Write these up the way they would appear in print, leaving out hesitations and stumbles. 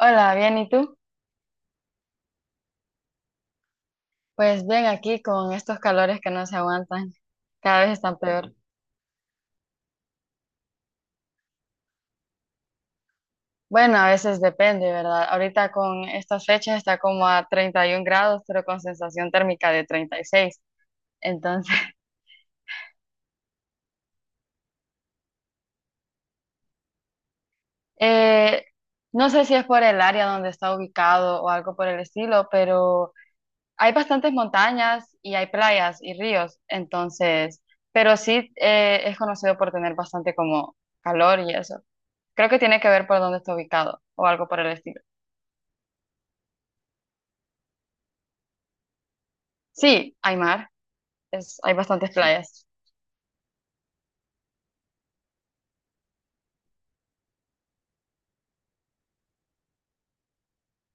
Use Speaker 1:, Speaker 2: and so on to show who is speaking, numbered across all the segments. Speaker 1: Hola, bien, ¿y tú? Pues bien, aquí con estos calores que no se aguantan, cada vez están peor. Bueno, a veces depende, ¿verdad? Ahorita con estas fechas está como a 31 grados, pero con sensación térmica de 36. Entonces, eh, no sé si es por el área donde está ubicado o algo por el estilo, pero hay bastantes montañas y hay playas y ríos, entonces, pero sí es conocido por tener bastante como calor y eso. Creo que tiene que ver por dónde está ubicado o algo por el estilo. Sí, hay mar, hay bastantes playas.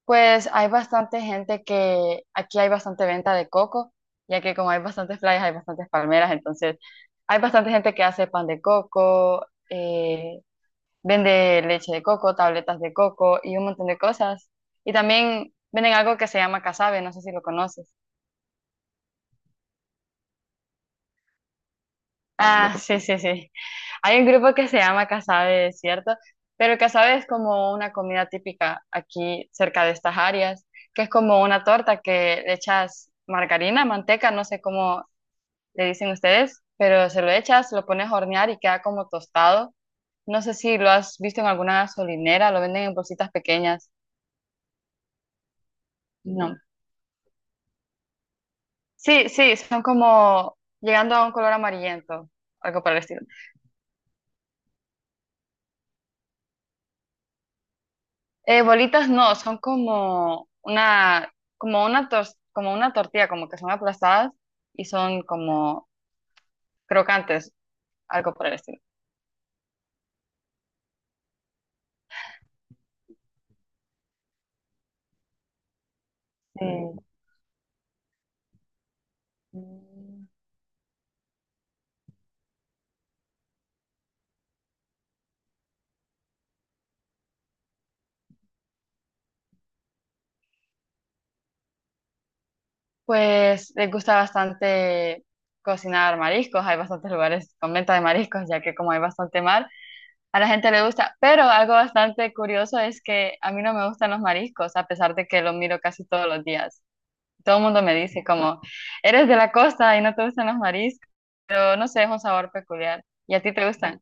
Speaker 1: Pues hay bastante gente que aquí hay bastante venta de coco, ya que como hay bastantes playas, hay bastantes palmeras, entonces hay bastante gente que hace pan de coco, vende leche de coco, tabletas de coco y un montón de cosas. Y también venden algo que se llama casabe, no sé si lo conoces. Ah, sí, sí, sí. Hay un grupo que se llama Casabe, ¿cierto? Pero casabe es como una comida típica aquí cerca de estas áreas, que es como una torta que le echas margarina, manteca, no sé cómo le dicen ustedes, pero se lo echas, lo pones a hornear y queda como tostado. No sé si lo has visto en alguna gasolinera, lo venden en bolsitas pequeñas. No. Sí, sí, son como llegando a un color amarillento, algo por el estilo. Bolitas no, son como una, como una tortilla, como que son aplastadas y son como crocantes, algo por el estilo. Mm. Mm. Pues les gusta bastante cocinar mariscos, hay bastantes lugares con venta de mariscos, ya que como hay bastante mar, a la gente le gusta, pero algo bastante curioso es que a mí no me gustan los mariscos, a pesar de que los miro casi todos los días. Todo el mundo me dice como, eres de la costa y no te gustan los no sé, es un sabor peculiar. ¿Y a ti te gustan?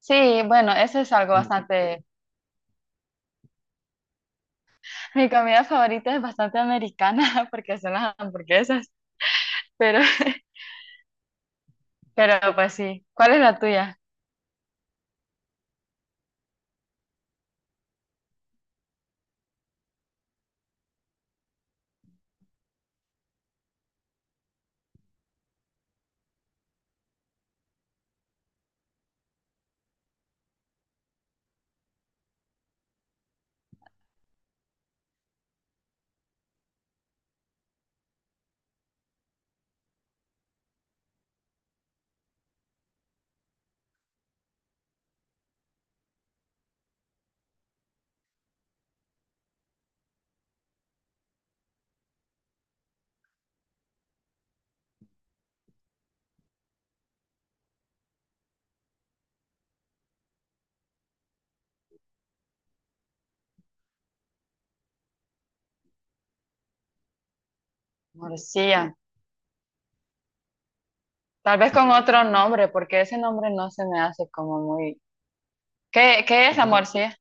Speaker 1: Sí, bueno, eso es algo bastante... Mi comida favorita es bastante americana porque son las hamburguesas, pero, pero pues sí. ¿Cuál es la tuya? Morcilla. Tal vez con otro nombre, porque ese nombre no se me hace como muy... ¿Qué, qué es la morcilla?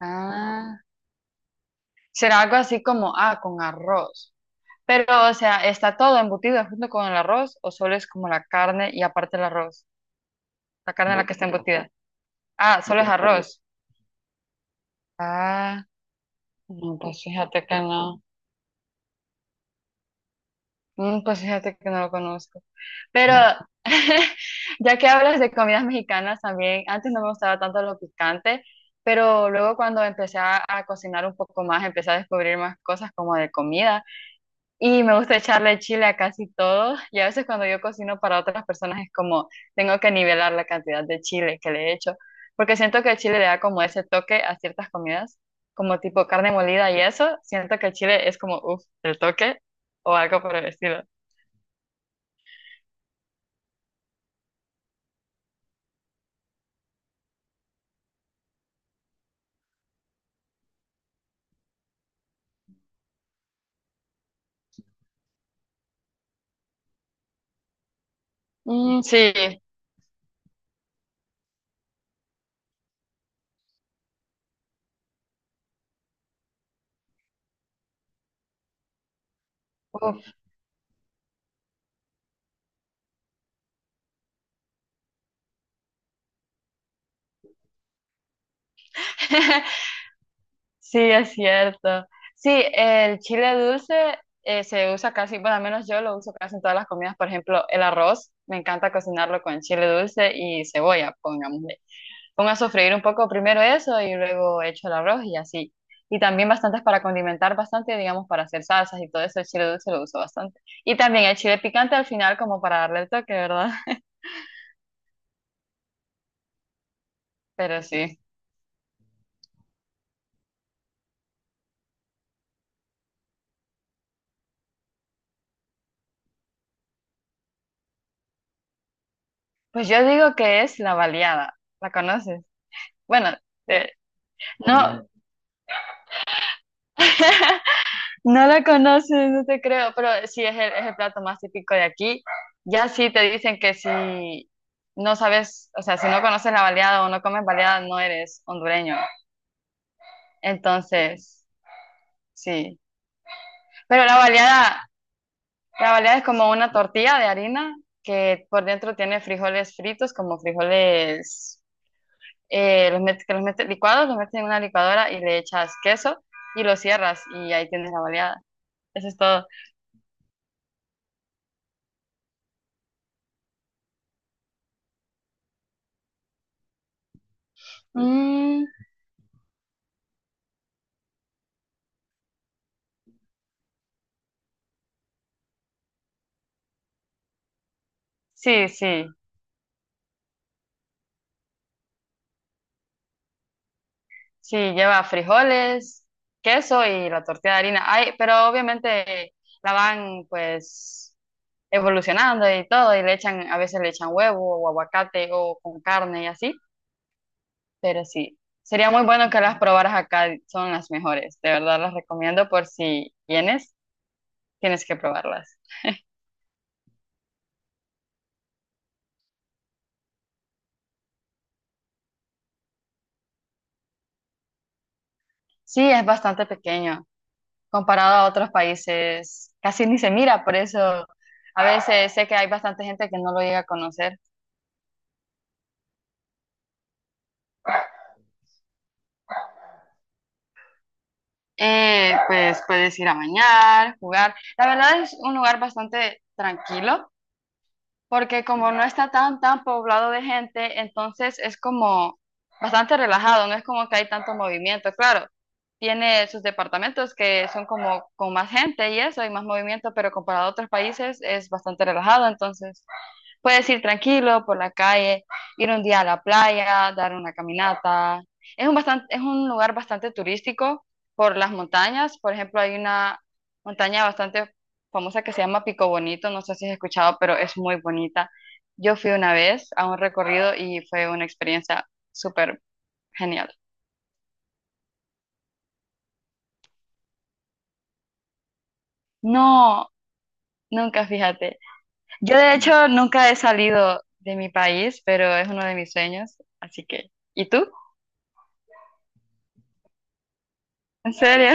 Speaker 1: Ah, será algo así como, ah, con arroz. Pero, o sea, ¿está todo embutido junto con el arroz o solo es como la carne y aparte el arroz? La carne en la que está embutida. Ah, solo es arroz. Ah. No, pues fíjate que no. Mm, pues fíjate que no lo conozco. Pero ya que hablas de comidas mexicanas también, antes no me gustaba tanto lo picante, pero luego cuando empecé a cocinar un poco más, empecé a descubrir más cosas como de comida. Y me gusta echarle chile a casi todo. Y a veces cuando yo cocino para otras personas es como tengo que nivelar la cantidad de chile que le echo. Porque siento que el chile le da como ese toque a ciertas comidas, como tipo carne molida y eso. Siento que el chile es como, uff, el toque o algo por el estilo. Mm, sí, uff. Sí, es cierto. Sí, el chile dulce se usa casi, bueno, al menos yo lo uso casi en todas las comidas. Por ejemplo, el arroz, me encanta cocinarlo con chile dulce y cebolla, pongamos. Pongo a sofreír un poco primero eso y luego echo el arroz y así. Y también bastantes para condimentar bastante, digamos, para hacer salsas y todo eso. El chile dulce lo uso bastante. Y también el chile picante al final como para darle el toque, ¿verdad? Pero sí. Pues yo digo que es la baleada. ¿La conoces? Bueno, eh, no, no, no la conoces, no te creo, pero sí es es el plato más típico de aquí. Ya sí te dicen que si no sabes, o sea, si no conoces la baleada o no comes baleada, no eres hondureño. Entonces, sí, pero la baleada es como una tortilla de harina que por dentro tiene frijoles fritos, como frijoles que los metes licuados, los metes en una licuadora y le echas queso y lo cierras y ahí tienes la baleada. Eso es todo. Mm, sí, sí, sí, lleva frijoles, queso y la tortilla de harina. Ay, pero obviamente la van pues evolucionando y todo y le echan, a veces le echan huevo o aguacate o con carne y así. Pero sí, sería muy bueno que las probaras acá, son las mejores. De verdad las recomiendo por si vienes, tienes que probarlas. Sí, es bastante pequeño comparado a otros países, casi ni se mira, por eso a veces sé que hay bastante gente que no lo llega a conocer. Pues puedes ir a bañar, jugar. La verdad es un lugar bastante tranquilo porque como no está tan, tan poblado de gente, entonces es como bastante relajado, no es como que hay tanto movimiento, claro. Tiene sus departamentos que son como con más gente y eso, y más movimiento, pero comparado a otros países es bastante relajado, entonces. Puedes ir tranquilo por la calle, ir un día a la playa, dar una caminata. Es un lugar bastante turístico por las montañas. Por ejemplo, hay una montaña bastante famosa que se llama Pico Bonito. No sé si has escuchado, pero es muy bonita. Yo fui una vez a un recorrido y fue una experiencia súper genial. No, nunca, fíjate. Yo de hecho nunca he salido de mi país, pero es uno de mis sueños. Así que, ¿y tú? ¿En serio?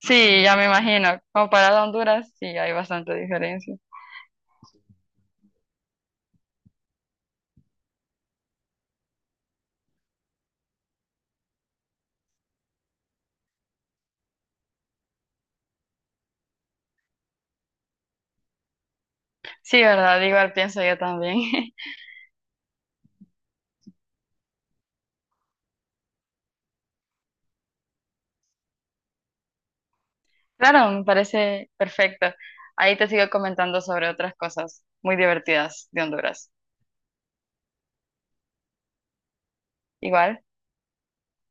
Speaker 1: Sí, ya me imagino. Comparado a Honduras, sí, hay bastante diferencia. Sí, verdad, igual pienso yo también. Claro, me parece perfecto. Ahí te sigo comentando sobre otras cosas muy divertidas de Honduras. Igual.